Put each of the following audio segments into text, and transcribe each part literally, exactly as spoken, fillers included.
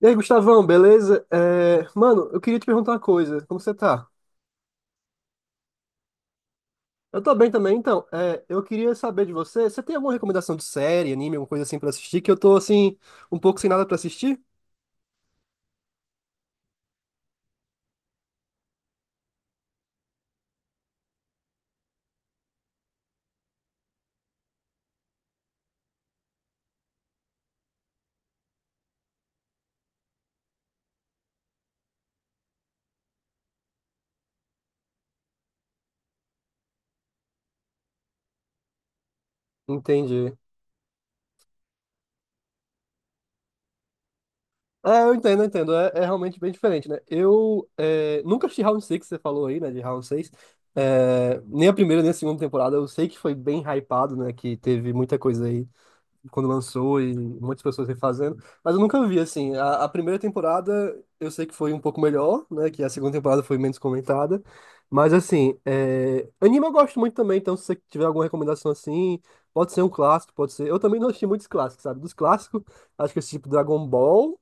E aí, Gustavão, beleza? É, mano, eu queria te perguntar uma coisa. Como você tá? Eu tô bem também, então. É, eu queria saber de você. Você tem alguma recomendação de série, anime, alguma coisa assim pra assistir? Que eu tô, assim, um pouco sem nada pra assistir? Entendi. É, eu entendo, eu entendo. É, é realmente bem diferente, né? Eu é, nunca assisti Round seis, que você falou aí, né? De Round seis. É, nem a primeira, nem a segunda temporada. Eu sei que foi bem hypado, né? Que teve muita coisa aí quando lançou e muitas pessoas refazendo, mas eu nunca vi assim. A, a primeira temporada eu sei que foi um pouco melhor, né? Que a segunda temporada foi menos comentada, mas assim, é... anime eu gosto muito também, então se você tiver alguma recomendação assim, pode ser um clássico, pode ser. Eu também não assisti muitos clássicos, sabe? Dos clássicos, acho que esse tipo Dragon Ball.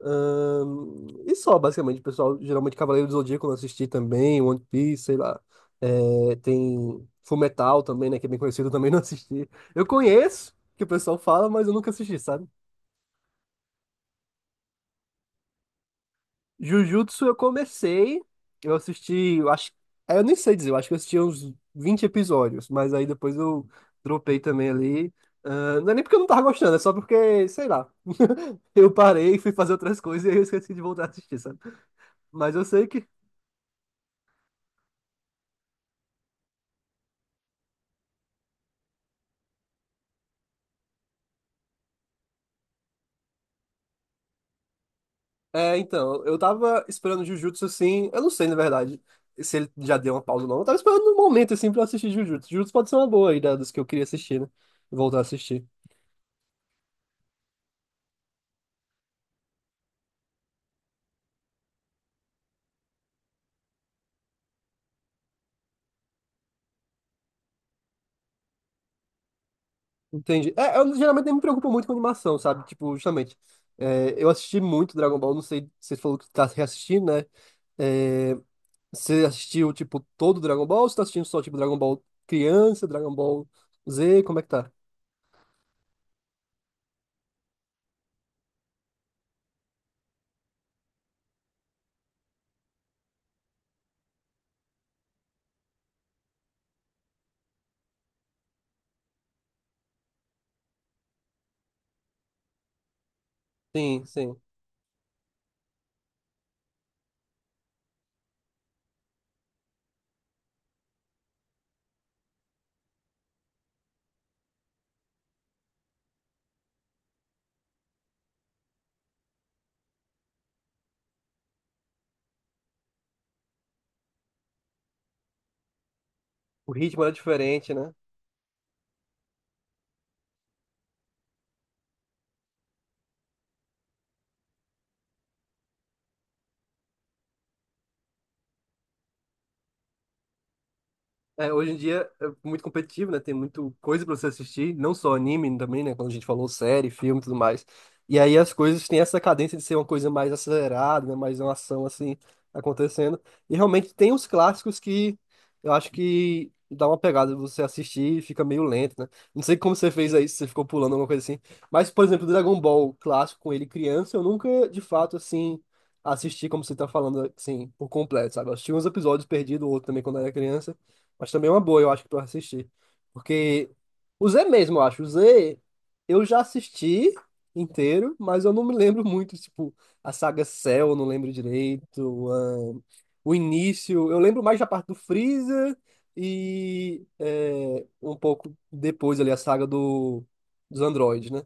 Ahn, e só, basicamente, o pessoal, geralmente Cavaleiro do Zodíaco eu assisti também, One Piece, sei lá. É, tem Fullmetal também, né, que é bem conhecido, eu também não assisti. Eu conheço, que o pessoal fala, mas eu nunca assisti, sabe? Jujutsu eu comecei, eu assisti, eu acho, é, eu nem sei dizer, eu acho que eu assisti uns vinte episódios, mas aí depois eu dropei também ali. Ahn, não é nem porque eu não tava gostando, é só porque, sei lá, eu parei, fui fazer outras coisas e aí eu esqueci de voltar a assistir, sabe? Mas eu sei que É, então, eu tava esperando Jujutsu assim. Eu não sei, na verdade, se ele já deu uma pausa ou não. Eu tava esperando um momento assim pra eu assistir Jujutsu. Jujutsu pode ser uma boa aí, né, dos que eu queria assistir, né? Voltar a assistir. Entendi. É, eu geralmente nem me preocupo muito com animação, sabe? Tipo, justamente. É, eu assisti muito Dragon Ball, não sei, você falou que tá reassistindo, né? É, você assistiu, tipo, todo Dragon Ball ou você tá assistindo só, tipo, Dragon Ball criança, Dragon Ball Z? Como é que tá? Sim, sim. O ritmo era diferente, né? É, hoje em dia é muito competitivo, né? Tem muito coisa pra você assistir, não só anime também, né? Quando a gente falou série, filme e tudo mais. E aí as coisas têm essa cadência de ser uma coisa mais acelerada, né? Mais uma ação assim acontecendo. E realmente tem os clássicos que eu acho que dá uma pegada você assistir e fica meio lento, né? Não sei como você fez aí, se você ficou pulando alguma coisa assim. Mas, por exemplo, Dragon Ball clássico com ele criança, eu nunca de fato assim assisti como você tá falando assim por completo, sabe? Eu assisti uns episódios perdidos, outro também quando eu era criança. Mas também é uma boa, eu acho que tu vai assistir. Porque o Z mesmo, eu acho. O Z, eu já assisti inteiro, mas eu não me lembro muito. Tipo, a saga Cell, eu não lembro direito. Ahn, o início, eu lembro mais da parte do Freeza e é, um pouco depois ali a saga do, dos androides, né?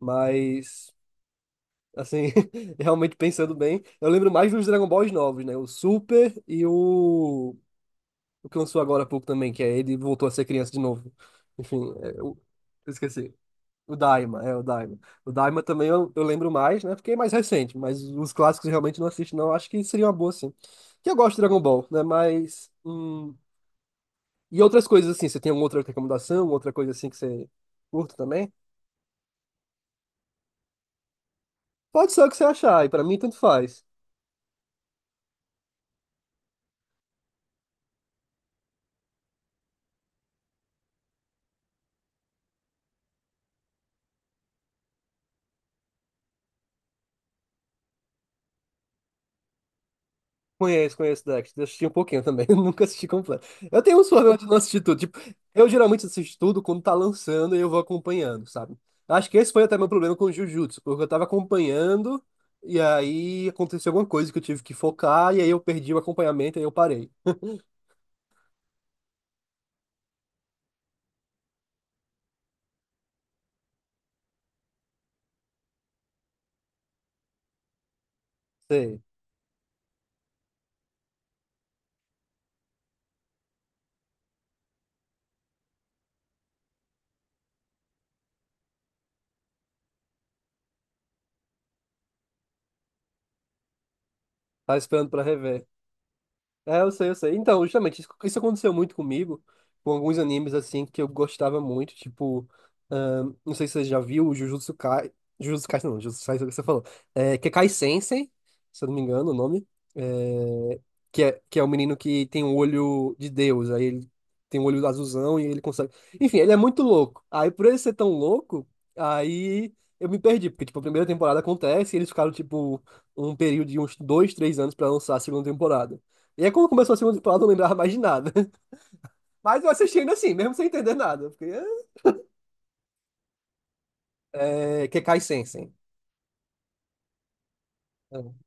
Mas, assim, realmente pensando bem, eu lembro mais dos Dragon Balls novos, né? O Super e o. O que lançou agora há pouco também, que é ele voltou a ser criança de novo. Enfim, é, eu, eu esqueci. O Daima, é o Daima. O Daima também eu, eu lembro mais, né? Porque é mais recente, mas os clássicos eu realmente não assisto, não. Acho que seria uma boa, sim. Que eu gosto de Dragon Ball, né? Mas. hum, E outras coisas assim, você tem alguma outra recomendação, outra coisa assim que você curta também? Pode ser o que você achar, e pra mim tanto faz. Conheço, conheço Dexter. Eu assisti um pouquinho também, eu nunca assisti completo. Eu tenho uns problemas de não assistir tudo. Tipo, eu geralmente assisto tudo quando tá lançando e eu vou acompanhando, sabe? Acho que esse foi até meu problema com Jujutsu, porque eu tava acompanhando e aí aconteceu alguma coisa que eu tive que focar e aí eu perdi o acompanhamento e aí eu parei. Sei, tava esperando pra rever. É, eu sei, eu sei. Então, justamente, isso, isso aconteceu muito comigo, com alguns animes, assim, que eu gostava muito, tipo, ahn, não sei se você já viu o Jujutsu Kai, Jujutsu Kaisen não, Jujutsu Kaisen é o que você falou, é, que é Kai Sensei, se eu não me engano o nome, é, que é, que é o menino que tem um olho de Deus, aí ele tem um olho azulzão e ele consegue, enfim, ele é muito louco. Aí, por ele ser tão louco, aí eu me perdi, porque, tipo, a primeira temporada acontece e eles ficaram, tipo, um período de uns dois, três anos pra lançar a segunda temporada. E aí, quando começou a segunda temporada, eu não lembrava mais de nada. Mas eu assisti ainda assim, mesmo sem entender nada. Porque é é, Kekai Sensen. É,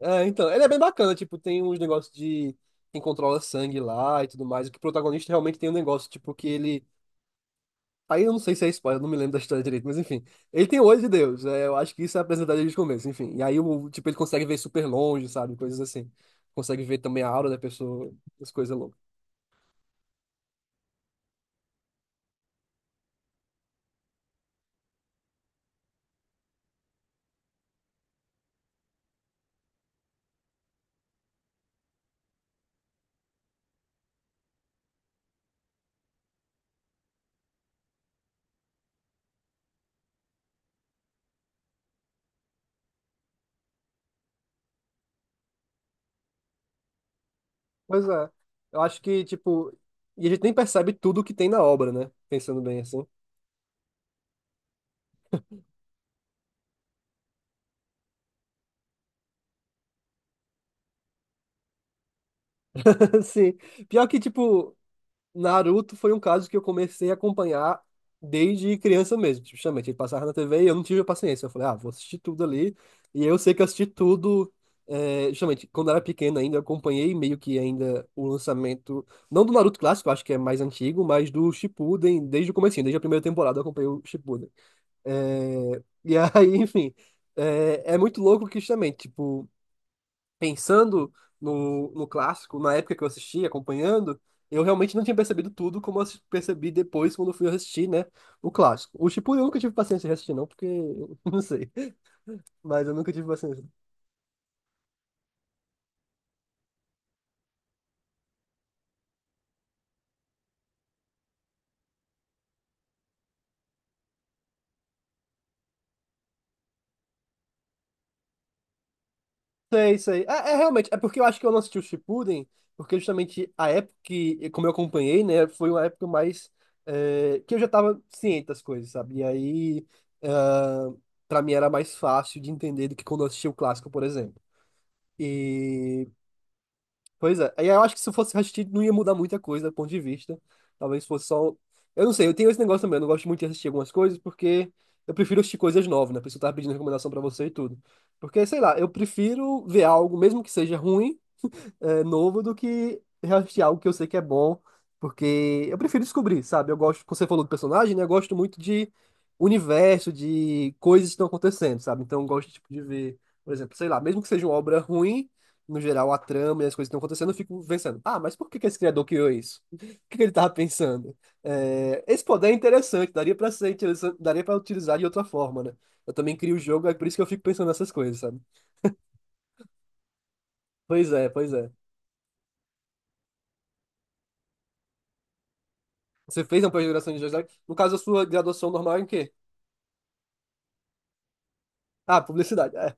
É, então, ele é bem bacana, tipo, tem uns negócios de quem controla sangue lá e tudo mais. O que o protagonista realmente tem um negócio, tipo, que ele. Aí eu não sei se é spoiler, eu não me lembro da história direito, mas enfim. Ele tem o olho de Deus, é, eu acho que isso é apresentado desde o começo, enfim. E aí, o, tipo, ele consegue ver super longe, sabe? Coisas assim. Consegue ver também a aura da pessoa, as coisas Pois é. Eu acho que, tipo, e a gente nem percebe tudo que tem na obra, né? Pensando bem assim. sim pior que, tipo, Naruto foi um caso que eu comecei a acompanhar desde criança mesmo. Tipo, justamente, ele passava na T V e eu não tive a paciência. Eu falei, ah, vou assistir tudo ali. E eu sei que eu assisti tudo. É, justamente, quando eu era pequeno ainda, eu acompanhei meio que ainda o lançamento, não do Naruto clássico, eu acho que é mais antigo, mas do Shippuden, desde o comecinho, desde a primeira temporada eu acompanhei o Shippuden. É, e aí, enfim, é, é muito louco que justamente, tipo, pensando no, no clássico, na época que eu assisti, acompanhando, eu realmente não tinha percebido tudo como eu assi- percebi depois quando eu fui assistir, né, o clássico. O Shippuden eu nunca tive paciência de assistir, não, porque, não sei, mas eu nunca tive paciência. Sei, sei. É, é realmente, é porque eu acho que eu não assisti o Shippuden, porque justamente a época que, como eu acompanhei, né, foi uma época mais é, que eu já tava ciente das coisas, sabe? E aí, ah, pra mim era mais fácil de entender do que quando eu assisti o clássico, por exemplo. Pois é. Aí eu acho que se fosse assistir, não ia mudar muita coisa do ponto de vista. Talvez fosse só. Eu não sei, eu tenho esse negócio também. Eu não gosto muito de assistir algumas coisas porque eu prefiro assistir coisas novas, né? A pessoa tá pedindo recomendação pra você e tudo. Porque, sei lá, eu prefiro ver algo, mesmo que seja ruim é, novo do que reassistir algo que eu sei que é bom, porque eu prefiro descobrir, sabe? Eu gosto, como você falou do personagem, né? Eu gosto muito de universo, de coisas que estão acontecendo, sabe? Então eu gosto, tipo, de ver, por exemplo, sei lá, mesmo que seja uma obra ruim, no geral, a trama e as coisas que estão acontecendo, eu fico pensando, ah, mas por que que esse criador criou isso? O que que ele estava pensando? É, esse poder é interessante, daria para ser interessante, daria para utilizar de outra forma, né? Eu também crio o jogo, é por isso que eu fico pensando nessas coisas, sabe? Pois é, pois é. Você fez uma pós-graduação em jornalismo? No caso, a sua graduação normal é em quê? Ah, publicidade. É.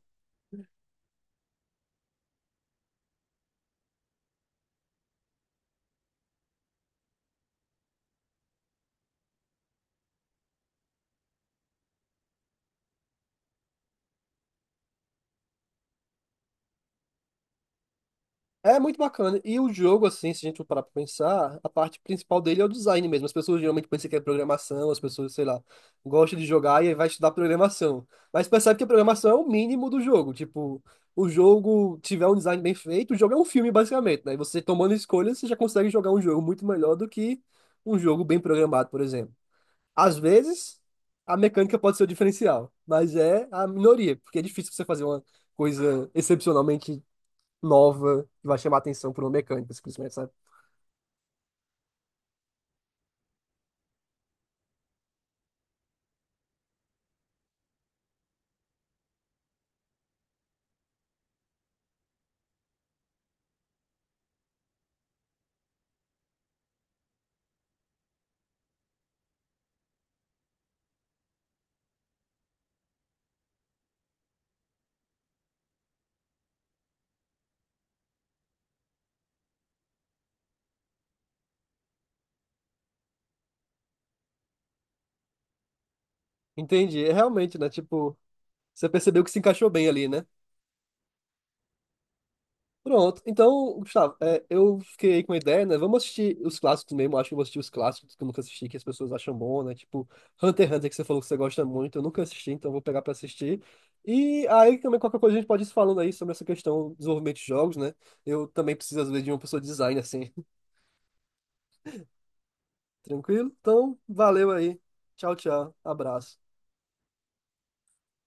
É muito bacana. E o jogo, assim, se a gente for parar pra pensar, a parte principal dele é o design mesmo. As pessoas geralmente pensam que é programação, as pessoas, sei lá, gostam de jogar e aí vai estudar programação. Mas percebe que a programação é o mínimo do jogo. Tipo, o jogo tiver um design bem feito, o jogo é um filme, basicamente, né? E você tomando escolhas, você já consegue jogar um jogo muito melhor do que um jogo bem programado, por exemplo. Às vezes, a mecânica pode ser o diferencial, mas é a minoria, porque é difícil você fazer uma coisa excepcionalmente nova que vai chamar atenção por uma mecânica, simplesmente, sabe? Entendi. É realmente, né? Tipo, você percebeu que se encaixou bem ali, né? Pronto. Então, Gustavo, é, eu fiquei aí com uma ideia, né? Vamos assistir os clássicos mesmo. Acho que eu vou assistir os clássicos que eu nunca assisti, que as pessoas acham bom, né? Tipo, Hunter x Hunter, que você falou que você gosta muito. Eu nunca assisti, então eu vou pegar pra assistir. E aí também qualquer coisa a gente pode ir se falando aí sobre essa questão do desenvolvimento de jogos, né? Eu também preciso, às vezes, de uma pessoa de design, assim. Tranquilo? Então, valeu aí. Tchau, tchau. Abraço.